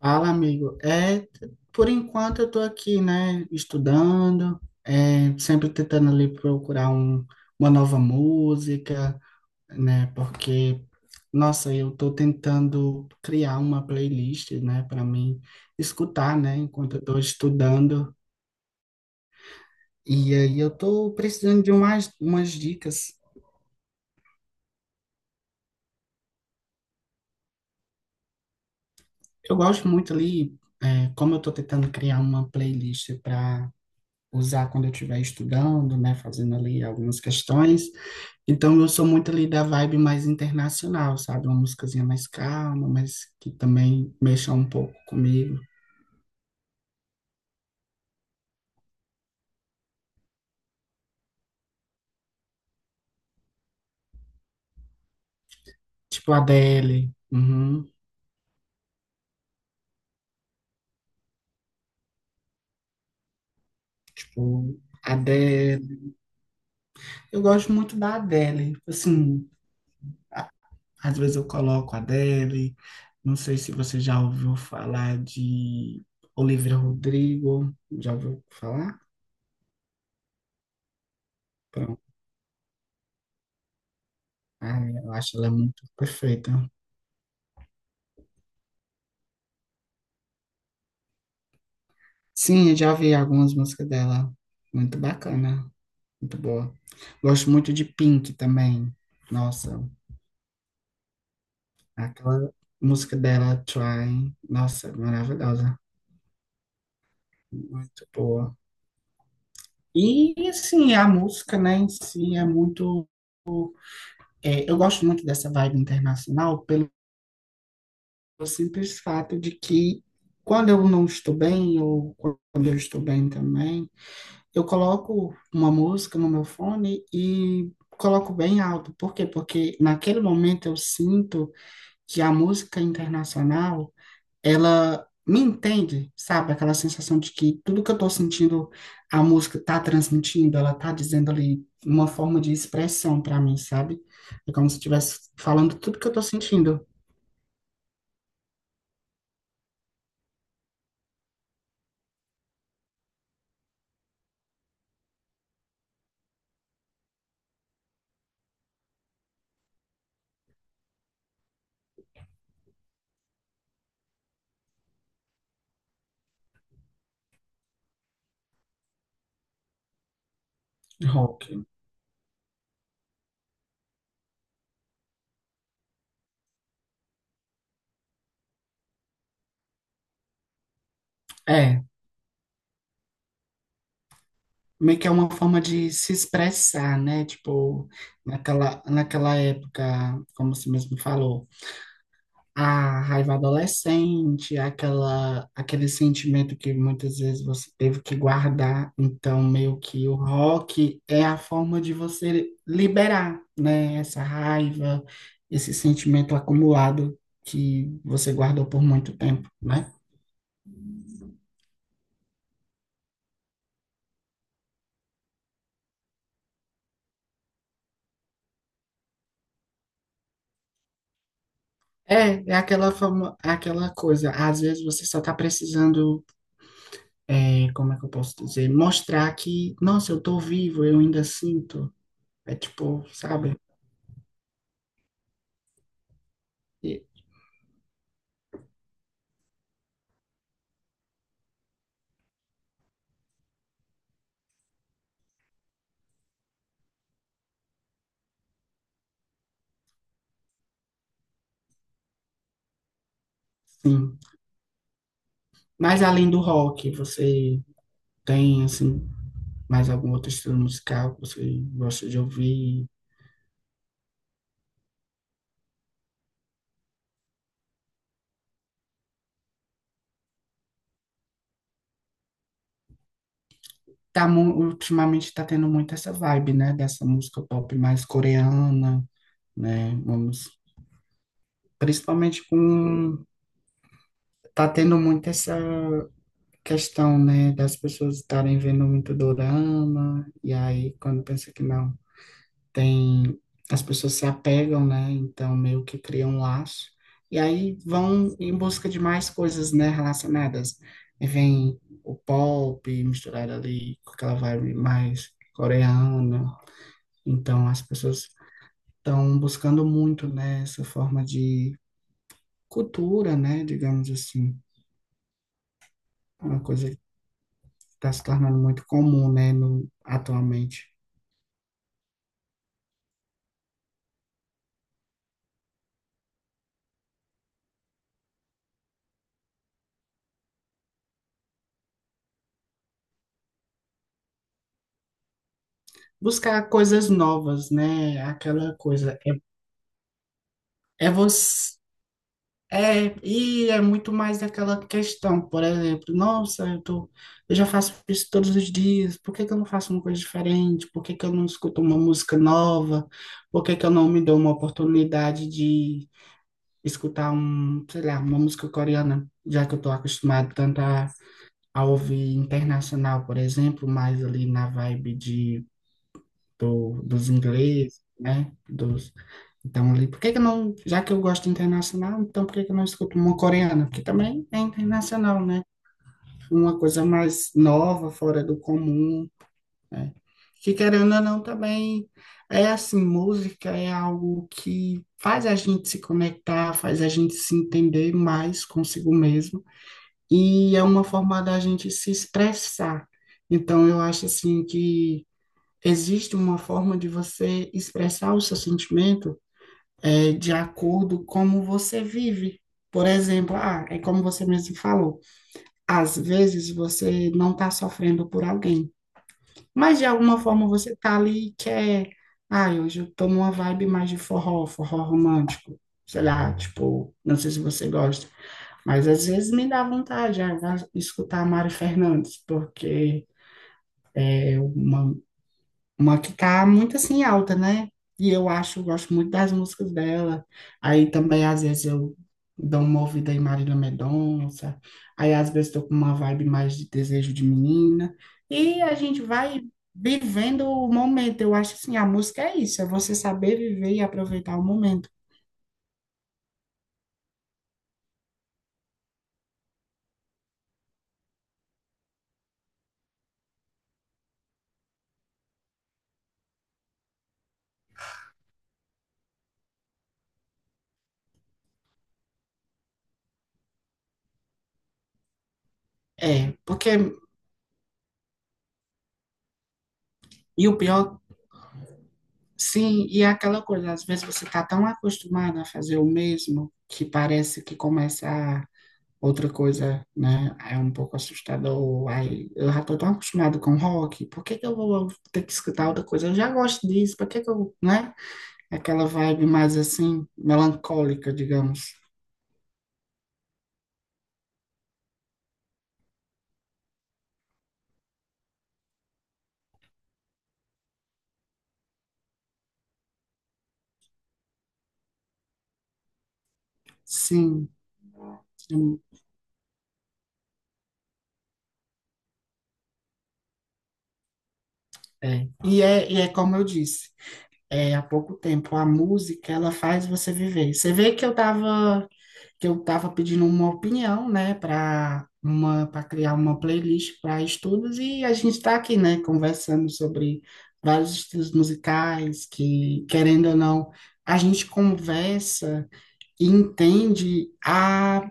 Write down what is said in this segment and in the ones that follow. Fala, amigo. Por enquanto eu tô aqui, né, estudando, sempre tentando ali procurar uma nova música, né, porque, nossa, eu tô tentando criar uma playlist, né, para mim escutar, né, enquanto eu tô estudando. E aí eu tô precisando de umas dicas. Eu gosto muito ali, como eu tô tentando criar uma playlist para usar quando eu estiver estudando, né, fazendo ali algumas questões. Então eu sou muito ali da vibe mais internacional, sabe? Uma musicazinha mais calma, mas que também mexa um pouco comigo. Tipo Adele, uhum, tipo Adele. Eu gosto muito da Adele. Assim, às vezes eu coloco Adele. Não sei se você já ouviu falar de Olivia Rodrigo. Já ouviu falar? Pronto. Ah, eu acho ela muito perfeita. Sim, eu já vi algumas músicas dela. Muito bacana. Muito boa. Gosto muito de Pink também. Nossa, aquela música dela, Try. Nossa, maravilhosa. Muito boa. E, assim, a música, né, em si é muito. Eu gosto muito dessa vibe internacional pelo simples fato de que quando eu não estou bem, ou quando eu estou bem também, eu coloco uma música no meu fone e coloco bem alto. Por quê? Porque naquele momento eu sinto que a música internacional, ela me entende, sabe? Aquela sensação de que tudo que eu tô sentindo, a música tá transmitindo, ela tá dizendo ali uma forma de expressão para mim, sabe? É como se estivesse falando tudo que eu tô sentindo. De rock. É, meio que é uma forma de se expressar, né? Tipo, naquela época, como você mesmo falou, a raiva adolescente, aquela, aquele sentimento que muitas vezes você teve que guardar. Então, meio que o rock é a forma de você liberar, né? Essa raiva, esse sentimento acumulado que você guardou por muito tempo, né? É aquela fama, é aquela coisa. Às vezes você só está precisando, como é que eu posso dizer? Mostrar que, nossa, eu tô vivo, eu ainda sinto. É tipo, sabe? E- Sim. Mas além do rock, você tem assim mais algum outro estilo musical que você gosta de ouvir? Tá, ultimamente está tendo muito essa vibe, né? Dessa música pop mais coreana, né? Vamos, principalmente com tá tendo muito essa questão, né? Das pessoas estarem vendo muito dorama e aí quando pensa que não tem as pessoas se apegam, né? Então meio que criam um laço e aí vão em busca de mais coisas, né, relacionadas. E vem o pop misturado ali com aquela vibe mais coreana. Então as pessoas estão buscando muito, né, essa forma de cultura, né, digamos assim, uma coisa que está se tornando muito comum, né, no, atualmente. Buscar coisas novas, né? Aquela coisa é, é você. É, e é muito mais daquela questão, por exemplo, nossa, eu já faço isso todos os dias, por que que eu não faço uma coisa diferente? Por que que eu não escuto uma música nova? Por que que eu não me dou uma oportunidade de escutar um, sei lá, uma música coreana, já que eu tô acostumado tanto a ouvir internacional, por exemplo, mais ali na vibe de do, dos ingleses, né? Então, ali, por que que eu não, já que eu gosto internacional, então por que que eu não escuto uma coreana? Porque também é internacional, né? Uma coisa mais nova, fora do comum, né? Que querendo ou não, também é assim, música é algo que faz a gente se conectar, faz a gente se entender mais consigo mesmo, e é uma forma da gente se expressar. Então, eu acho assim que existe uma forma de você expressar o seu sentimento de acordo com como você vive. Por exemplo, ah, é como você mesmo falou, às vezes você não está sofrendo por alguém, mas de alguma forma você está ali e quer, ah, hoje eu tô numa vibe mais de forró, forró romântico, sei lá, tipo, não sei se você gosta, mas às vezes me dá vontade, ah, escutar a Mari Fernandes, porque é uma que tá muito assim alta, né? E eu acho, gosto muito das músicas dela. Aí também, às vezes, eu dou uma ouvida em Marília Mendonça. Aí, às vezes, tô com uma vibe mais de desejo de menina. E a gente vai vivendo o momento. Eu acho assim, a música é isso, é você saber viver e aproveitar o momento. É, porque, e o pior, sim, e é aquela coisa, às vezes você tá tão acostumado a fazer o mesmo que parece que começa a. Outra coisa, né, é um pouco assustador. Ai eu já tô tão acostumado com rock, por que que eu vou ter que escutar outra coisa? Eu já gosto disso, por que que eu, né? Aquela vibe mais assim, melancólica, digamos. Sim, sim, é. E é como eu disse, há pouco tempo, a música, ela faz você viver. Você vê que eu tava que eu estava pedindo uma opinião, né, para uma para criar uma playlist para estudos e a gente está aqui, né, conversando sobre vários estilos musicais que, querendo ou não, a gente conversa e entende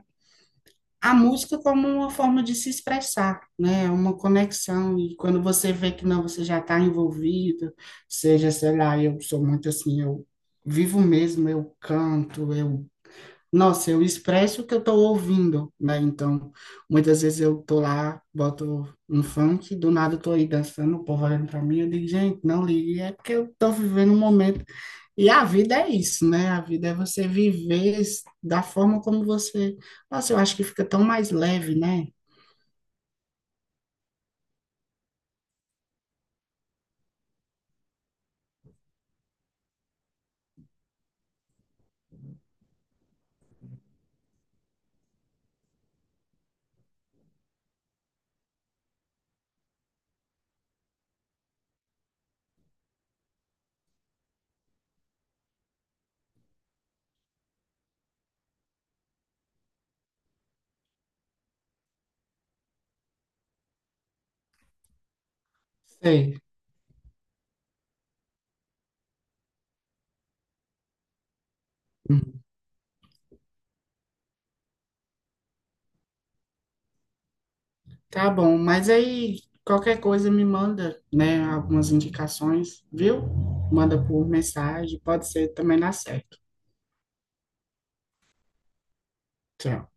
a música como uma forma de se expressar, né, uma conexão e quando você vê que não, você já está envolvido, seja, sei lá, eu sou muito assim, eu vivo mesmo, eu canto, eu nossa, eu expresso o que eu estou ouvindo, né? Então, muitas vezes eu tô lá, boto um funk, do nada eu tô aí dançando, o povo olhando pra mim, eu digo, gente, não ligue, é porque eu tô vivendo um momento. E a vida é isso, né? A vida é você viver da forma como você. Nossa, eu acho que fica tão mais leve, né? Sei. Uhum. Tá bom, mas aí qualquer coisa me manda, né? Algumas indicações, viu? Manda por mensagem, pode ser também dá certo. Tchau.